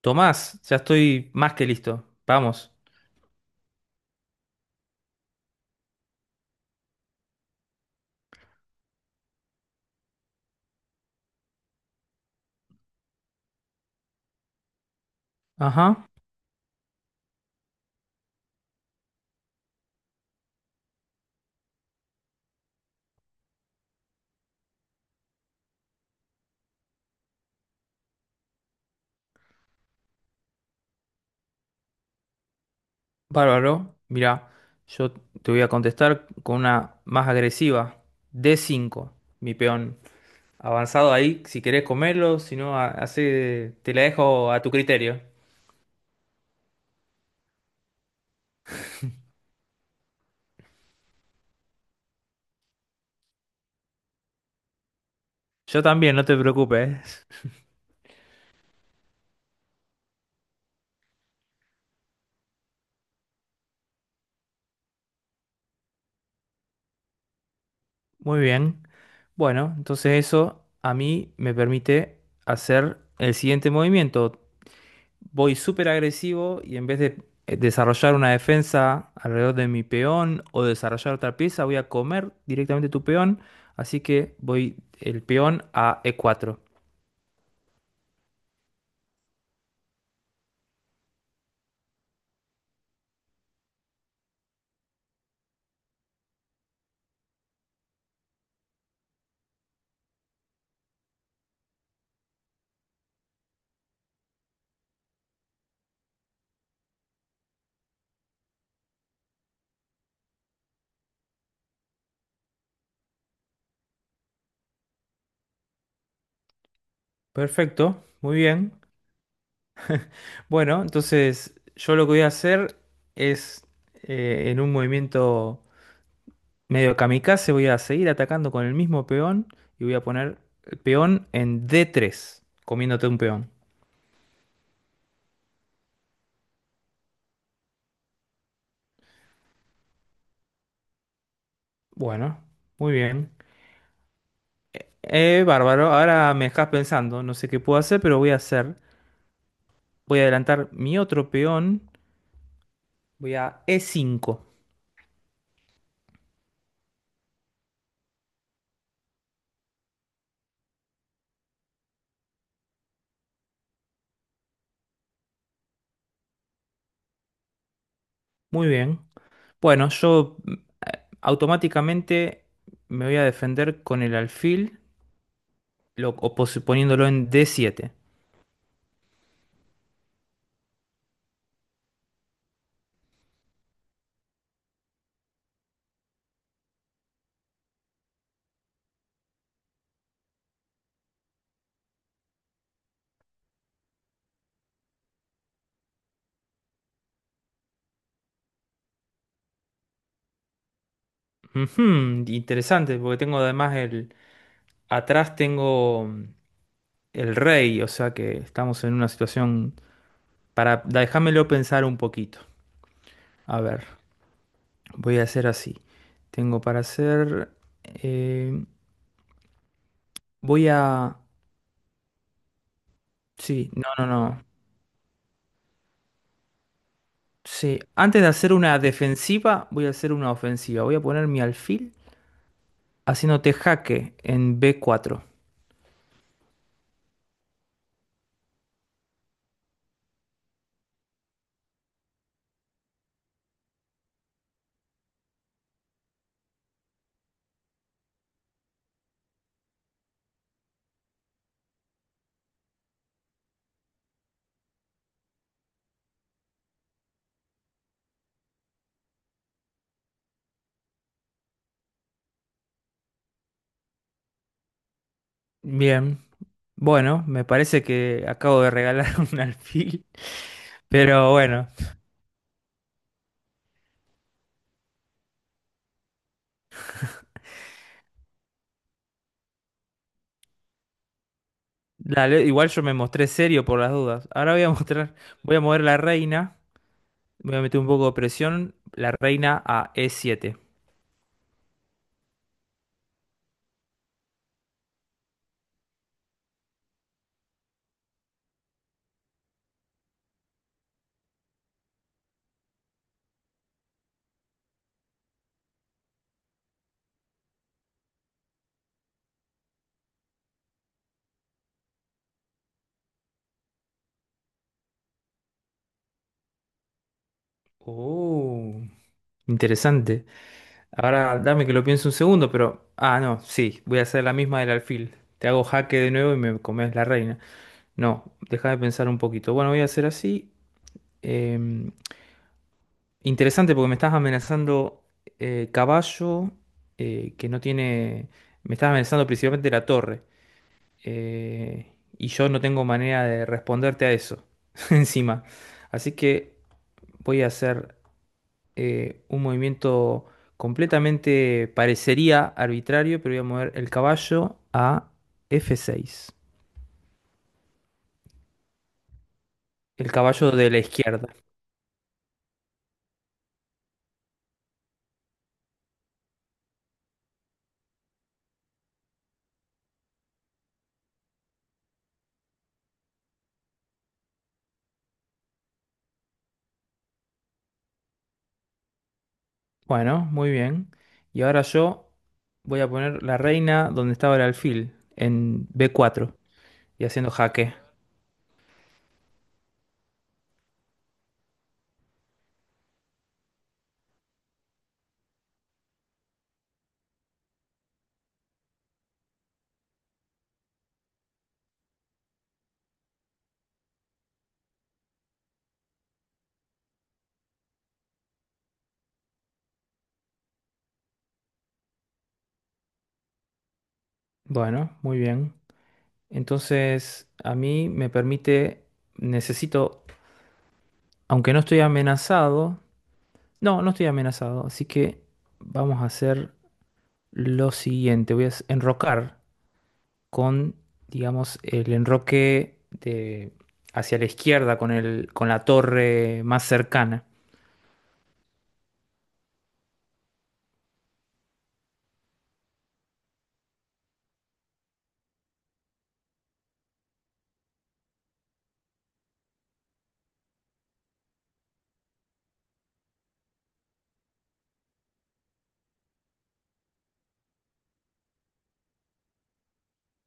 Tomás, ya estoy más que listo. Vamos. Ajá. Bárbaro. Mirá, yo te voy a contestar con una más agresiva. D5, mi peón. Avanzado ahí, si querés comerlo, si no, hace, te la dejo a tu criterio. Yo también, no te preocupes. Muy bien. Bueno, entonces eso a mí me permite hacer el siguiente movimiento. Voy súper agresivo y en vez de desarrollar una defensa alrededor de mi peón o desarrollar otra pieza, voy a comer directamente tu peón. Así que voy el peón a E4. Perfecto, muy bien. Bueno, entonces yo lo que voy a hacer es en un movimiento medio kamikaze, voy a seguir atacando con el mismo peón y voy a poner el peón en D3, comiéndote un peón. Bueno, muy bien. Bárbaro, ahora me dejas pensando, no sé qué puedo hacer, pero voy a hacer. Voy a adelantar mi otro peón, voy a E5. Muy bien. Bueno, yo automáticamente me voy a defender con el alfil, poniéndolo en D7. Ujú, interesante, porque tengo además el... Atrás tengo el rey, o sea que estamos en una situación para... Déjamelo pensar un poquito. A ver. Voy a hacer así. Tengo para hacer. eh, Voy a. Sí, no, no, no. Sí, antes de hacer una defensiva, voy a hacer una ofensiva. Voy a poner mi alfil haciéndote jaque en B4. Bien. Bueno, me parece que acabo de regalar un alfil. Pero bueno, dale, igual yo me mostré serio por las dudas. Ahora voy a mostrar. Voy a mover la reina. Voy a meter un poco de presión. La reina a E7. Oh, interesante. Ahora dame que lo piense un segundo, pero... Ah, no, sí, voy a hacer la misma del alfil. Te hago jaque de nuevo y me comes la reina. No, deja de pensar un poquito. Bueno, voy a hacer así. em, Interesante porque me estás amenazando caballo que no tiene... Me estás amenazando principalmente la torre. eh, y yo no tengo manera de responderte a eso encima. Así que voy a hacer un movimiento completamente parecería arbitrario, pero voy a mover el caballo a F6, el caballo de la izquierda. Bueno, muy bien. Y ahora yo voy a poner la reina donde estaba el alfil, en B4, y haciendo jaque. Bueno, muy bien. Entonces, a mí me permite, necesito, aunque no estoy amenazado, no, no estoy amenazado, así que vamos a hacer lo siguiente, voy a enrocar con, digamos, el enroque de, hacia la izquierda, con la torre más cercana.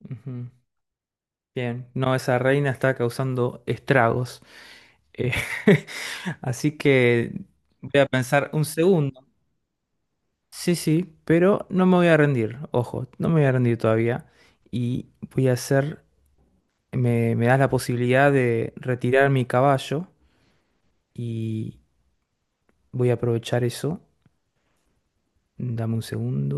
Ujú. Bien, no, esa reina está causando estragos. Eh, así que voy a pensar un segundo. Sí, sí, pero no me voy a rendir, ojo, no me voy a rendir todavía. Y voy a hacer, me das la posibilidad de retirar mi caballo y voy a aprovechar eso. Dame un segundo.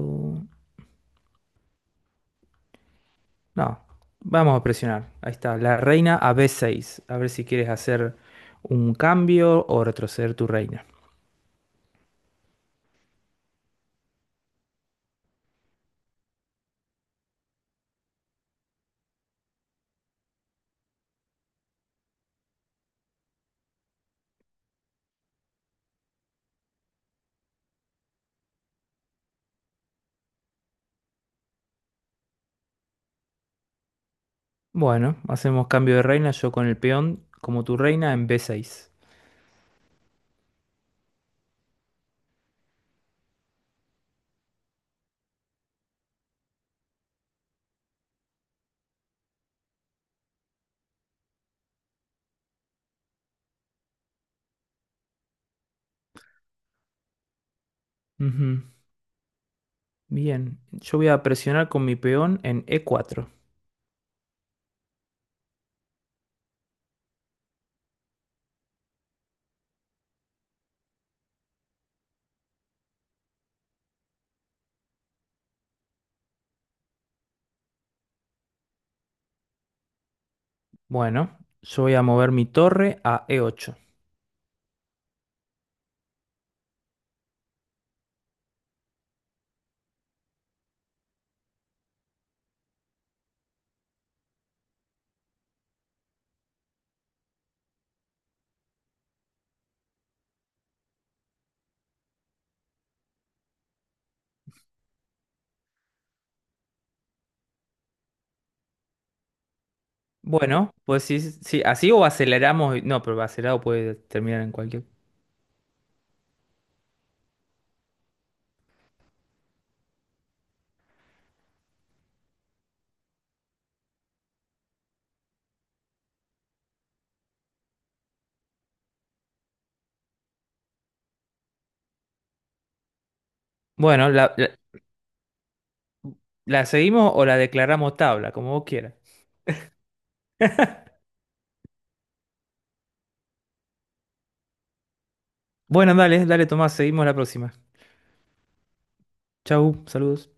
No, vamos a presionar. Ahí está, la reina a b seis. A ver si quieres hacer un cambio o retroceder tu reina. Bueno, hacemos cambio de reina, yo con el peón como tu reina en b seis. Ujú. Bien, yo voy a presionar con mi peón en e cuatro. Bueno, yo voy a mover mi torre a e ocho. Bueno, pues sí, sí, así o aceleramos. No, pero acelerado puede terminar en cualquier. Bueno, la seguimos o la declaramos tabla, como vos quieras. Bueno, dale, dale, Tomás, seguimos la próxima. Chau, saludos.